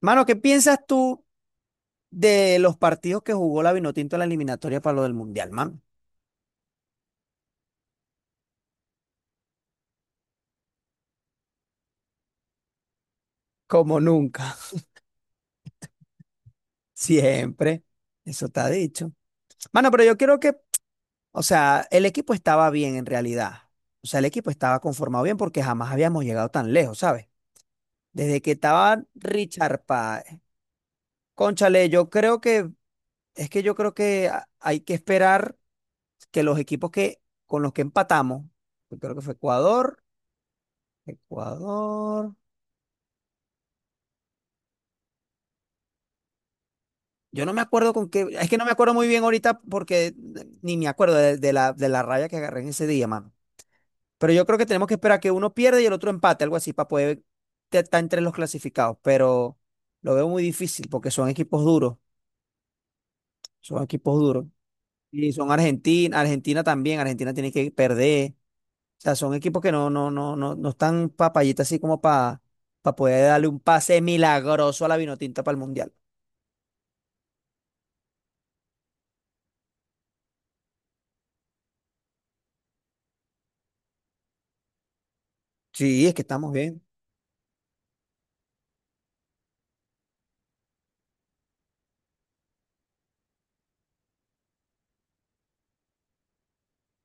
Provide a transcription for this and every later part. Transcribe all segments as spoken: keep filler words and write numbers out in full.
Mano, ¿qué piensas tú de los partidos que jugó la Vinotinto en la eliminatoria para lo del Mundial, man? Como nunca, siempre. Eso está dicho. Mano, pero yo creo que, o sea, el equipo estaba bien en realidad. O sea, el equipo estaba conformado bien porque jamás habíamos llegado tan lejos, ¿sabes? Desde que estaba Richard Páez. Cónchale, yo creo que, es que yo creo que a- hay que esperar que los equipos que, con los que empatamos, yo creo que fue Ecuador, Ecuador. Yo no me acuerdo con qué, es que no me acuerdo muy bien ahorita porque ni me acuerdo de, de la, de la raya que agarré en ese día, mano. Pero yo creo que tenemos que esperar que uno pierda y el otro empate, algo así, para poder te- estar entre los clasificados. Pero lo veo muy difícil porque son equipos duros, son equipos duros. Y son Argentina, Argentina también, Argentina tiene que perder. O sea, son equipos que no, no, no, no, no están papayitas así como para poder darle un pase milagroso a la Vinotinta para el Mundial. Sí, es que estamos bien.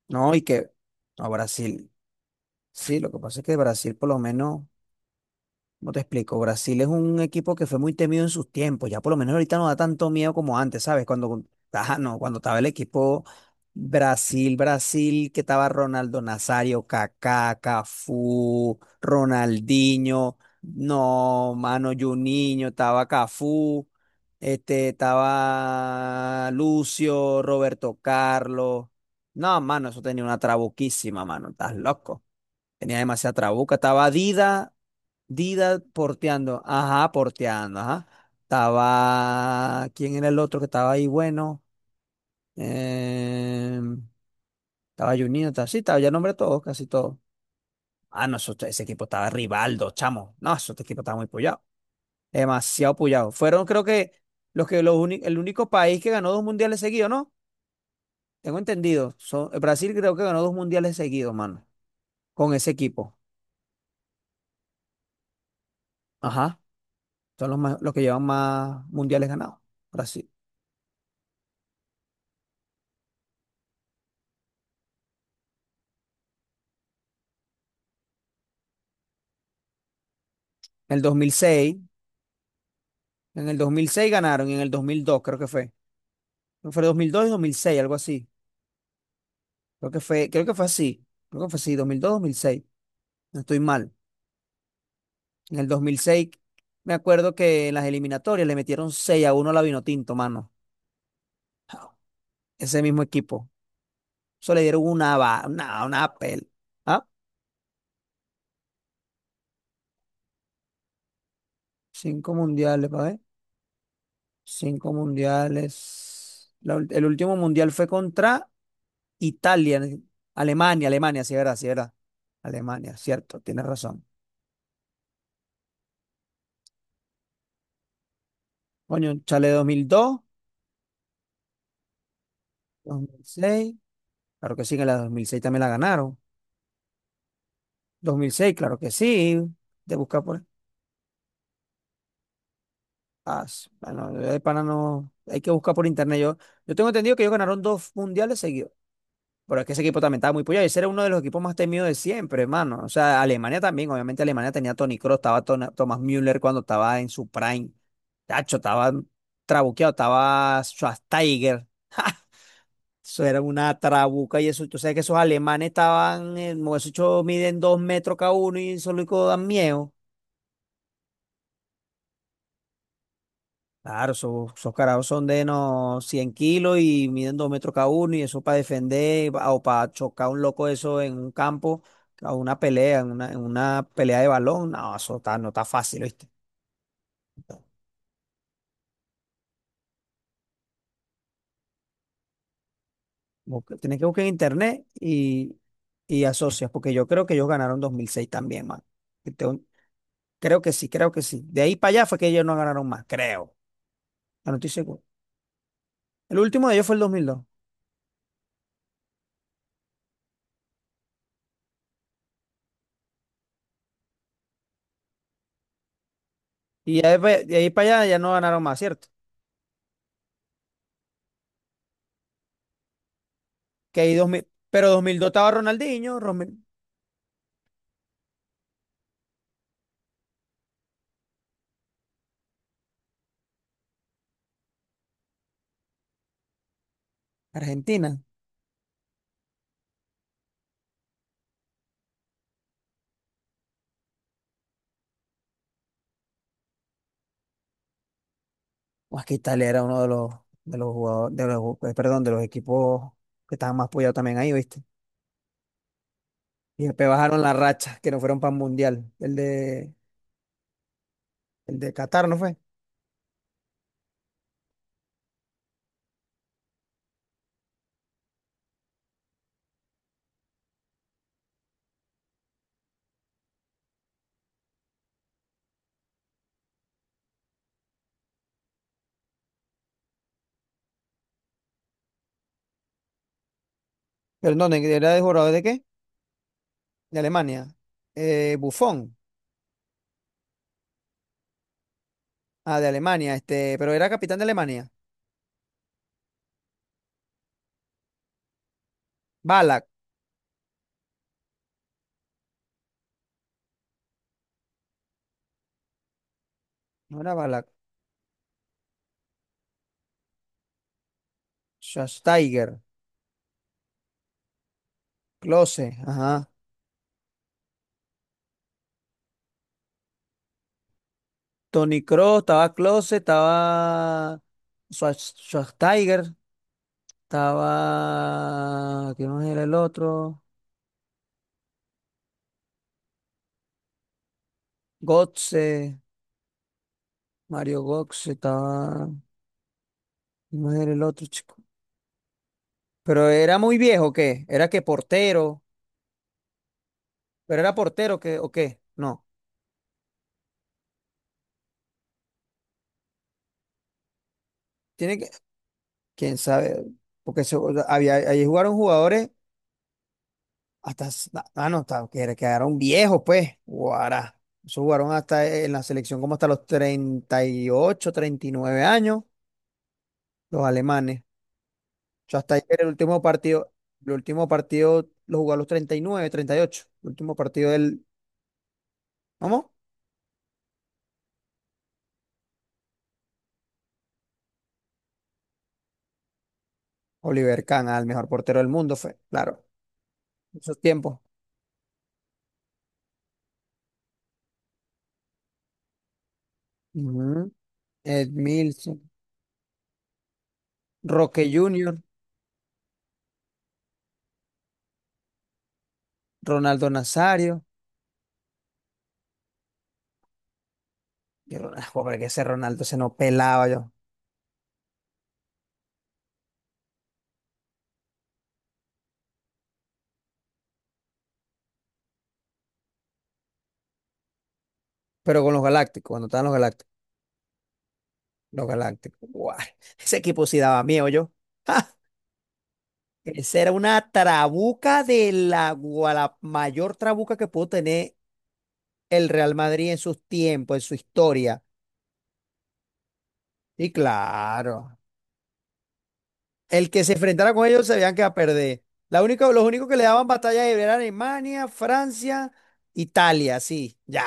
No, y que no, Brasil. Sí, lo que pasa es que Brasil, por lo menos, ¿cómo te explico? Brasil es un equipo que fue muy temido en sus tiempos. Ya por lo menos ahorita no da tanto miedo como antes, ¿sabes? Cuando, ah, no, cuando estaba el equipo Brasil, Brasil, que estaba Ronaldo Nazario, Kaká, Cafú, Ronaldinho, no, mano, Juninho, estaba Cafú, este, estaba Lucio, Roberto Carlos. No, mano, eso tenía una trabuquísima, mano, estás loco. Tenía demasiada trabuca. Estaba Dida, Dida porteando. Ajá, porteando, ajá. Estaba. ¿Quién era el otro que estaba ahí? Bueno. Em, estaba Juninho, estaba sí, estaba ya nombre todos, casi todos. Ah, no, eso- ese equipo estaba Rivaldo, chamo. No, ese equipo estaba muy pullado. Demasiado pullado. Fueron, creo que, los que los uni- el único país que ganó dos mundiales seguidos, ¿no? Tengo entendido. Son- Brasil creo que ganó dos mundiales seguidos, mano. Con ese equipo. Ajá. Son los, más- los que llevan más mundiales ganados. Brasil. En el dos mil seis en el dos mil seis ganaron y en el dos mil dos creo que fue. Creo que fue dos mil dos y dos mil seis algo así. Creo que fue, creo que fue así. Creo que fue así, dos mil dos dos mil mil seis. No estoy mal. En el dos mil seis me acuerdo que en las eliminatorias le metieron seis a uno a la Vinotinto, mano. Ese mismo equipo. Eso le dieron una, va- una, una pel. ¿Ah? Cinco mundiales, pa' ver. Cinco mundiales. La ul- el último mundial fue contra Italia, eh, Alemania, Alemania, sí, verdad, sí, verdad. Alemania, cierto, tienes razón. Coño, chale dos mil dos, dos mil seis, claro que sí, en la dos mil seis también la ganaron. dos mil seis, claro que sí, de buscar por. Ah, s- bueno, de pana no, hay que buscar por internet. Yo, yo tengo entendido que ellos ganaron dos mundiales seguidos. Pero es que ese equipo también estaba muy puyado. Ese era uno de los equipos más temidos de siempre, hermano. O sea, Alemania también. Obviamente Alemania tenía a Toni Kroos, estaba Tona- Thomas Müller cuando estaba en su prime. Tacho, estaba trabuqueado, estaba Schweinsteiger. Eso era una trabuca y eso. Tú sabes que esos alemanes estaban, eh, esos chos miden dos metros cada uno y solo y dan miedo. Claro, esos, esos carajos son de no cien kilos y miden dos metros cada uno y eso para defender pa- o para chocar un loco eso en un campo, a una pelea, en una, en una pelea de balón, no, eso está, no está fácil, ¿viste? Tienes que buscar en internet y, y asocias, porque yo creo que ellos ganaron dos mil seis también, man. Que tengo- creo que sí, creo que sí. De ahí para allá fue que ellos no ganaron más, creo. No, no estoy seguro. El último de ellos fue el dos mil dos. Y ya de, de ahí para allá ya no ganaron más, ¿cierto? Que ahí dos mil, pero dos mil dos estaba Ronaldinho, Argentina. O es que Italia era uno de los, de los jugadores, de los, eh, perdón, de los equipos que estaban más apoyados también ahí, ¿viste? Y después bajaron la racha, que no fueron para el Mundial. El de, el de Qatar, ¿no fue? Pero no, ¿de- ¿era de jugador de qué? De Alemania. Eh, Buffon. Ah, de Alemania, este, pero era capitán de Alemania. Balak, no era Balak. Schweinsteiger, Klose, ajá. Toni Kroos, estaba Klose, estaba Schwarz- Schwarzenegger. Estaba, ¿quién más era el otro? Gotze, Mario Gotze, estaba, ¿quién más era el otro chico? Pero era muy viejo, ¿o ¿qué? Era que portero, pero era portero, ¿qué? ¿O qué? No, tiene que, quién sabe, porque se- había, ahí jugaron jugadores hasta, s- ah, no, estaba- que era- quedaron viejos, pues, guará. Eso jugaron hasta eh, en la selección como hasta los treinta treinta y ocho treinta y nueve años, los alemanes. Yo hasta ayer el último partido, el último partido lo jugó a los treinta y nueve, treinta y ocho. El último partido del, ¿cómo? Oliver Kahn, al mejor portero del mundo fue, claro, en esos tiempos. Ujú. Ed Milson, Roque Junior, Ronaldo Nazario. Yo, Ron- ah, joder, que ese Ronaldo se nos pelaba yo. Pero con los Galácticos, cuando estaban los Galácticos, los Galácticos, guau, ese equipo sí daba miedo yo. ¡Ja! Esa era una trabuca de la, gua- la mayor trabuca que puedo tener el Real Madrid en sus tiempos, en su historia. Y claro, el que se enfrentara con ellos sabían que iba a perder. La única, los únicos que le daban batalla eran Alemania, Francia, Italia, sí, ya.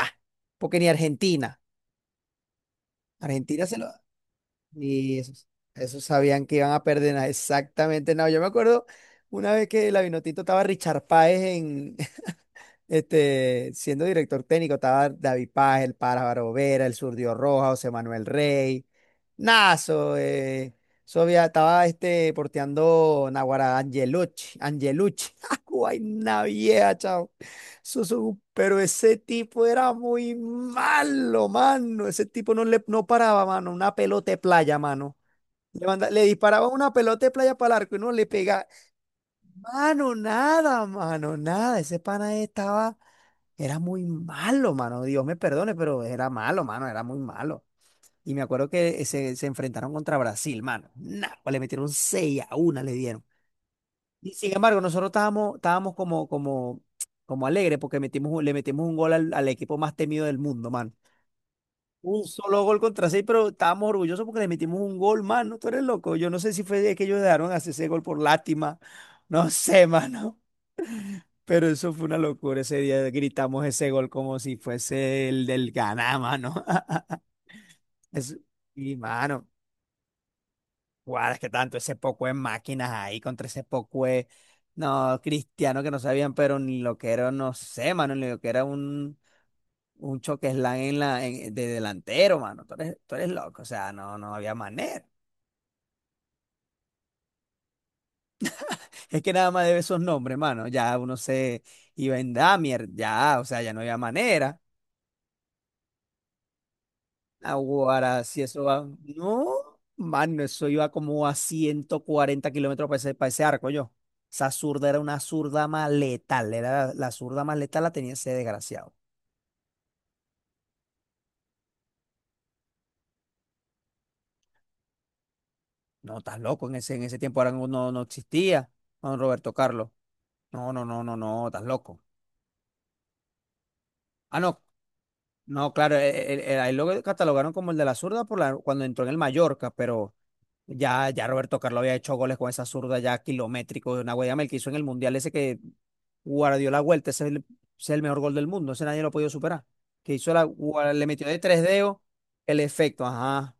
Porque ni Argentina. Argentina se lo. Y esos, esos sabían que iban a perder. na- Exactamente, no. Yo me acuerdo una vez que la Vinotinto estaba Richard Páez en, este, siendo director técnico, estaba David Paz, el Pájaro Vera, el Surdio Roja, José Manuel Rey, Nazo, eh, Sovia, estaba este, porteando Naguará Angelucci, Angelucci, ¡Ay, una vieja, chao! Eso es un- pero ese tipo era muy malo, mano. Ese tipo no, le, no paraba, mano, una pelota de playa, mano. Le, manda- le disparaba una pelota de playa para el arco y no le pegaba. Mano, nada, mano, nada. Ese pana estaba. Era muy malo, mano. Dios me perdone, pero era malo, mano. Era muy malo. Y me acuerdo que se, se enfrentaron contra Brasil, mano. Nah, pues le metieron seis a una, le dieron. Y sin embargo, nosotros estábamos, estábamos como, como, como alegres porque metimos, un- le metimos un gol al, al equipo más temido del mundo, mano. Un solo gol contra seis, pero estábamos orgullosos porque le metimos un gol, mano. Tú eres loco. Yo no sé si fue de que ellos dejaron hacer ese gol por lástima. No sé, mano. Pero eso fue una locura. Ese día gritamos ese gol como si fuese el del Ganá, mano. Es- y, mano, guau, es que tanto ese poco de máquinas ahí contra ese poco de, no, cristianos que no sabían, pero ni lo que era, no sé, mano, ni lo que era un, un choque slam en la, en- de delantero, mano. Tú eres, tú eres loco, o sea, no, no había manera. Es que nada más debe esos nombres, mano. Ya uno se iba en Damier, ya, o sea, ya no había manera. Ahora, si eso va. No, mano, eso iba como a ciento cuarenta kilómetros para ese, para ese arco yo. Esa zurda era una zurda más letal. Era la, la zurda más letal la tenía ese desgraciado. No, estás loco. En ese, en ese tiempo ahora no, no no existía don Roberto Carlos. No, no, no, no, no, estás loco. Ah, no, no, claro, él, él- él- a él lo catalogaron como el de la zurda por la, cuando entró en el Mallorca, pero ya, ya Roberto Carlos había hecho goles con esa zurda ya kilométrico de una Yamel que hizo en el Mundial ese que guardió la vuelta, ese es el, ese es el mejor gol del mundo, ese nadie lo ha podido superar. Que hizo la, gua- le metió de tres dedos el efecto, ajá,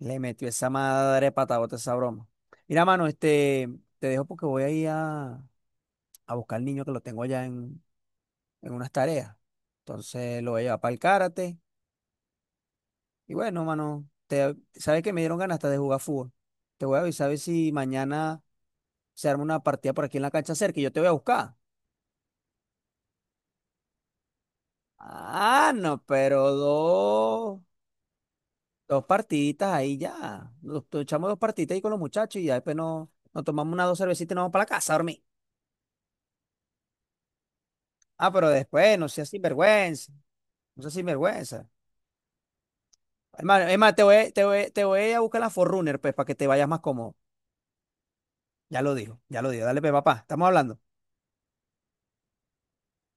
le metió esa madre patabota, esa broma. Mira, mano, este, te dejo porque voy a ir a, a buscar al niño que lo tengo allá en, en unas tareas. Entonces lo voy a llevar para el karate. Y bueno, mano, te, sabes que me dieron ganas hasta de jugar fútbol. Te voy a avisar a ver si mañana se arma una partida por aquí en la cancha cerca y yo te voy a buscar. Ah, no, pero dos, dos partiditas ahí ya. Nos nos echamos dos partiditas ahí con los muchachos y ya después nos, nos tomamos unas dos cervecitas y nos vamos para la casa a dormir. Ah, pero después, no seas sinvergüenza, no seas sinvergüenza. Hermano, es más, te voy, te voy, te voy a buscar la Forrunner, pues, para que te vayas más cómodo. Ya lo digo, ya lo digo. Dale, pues, papá, estamos hablando.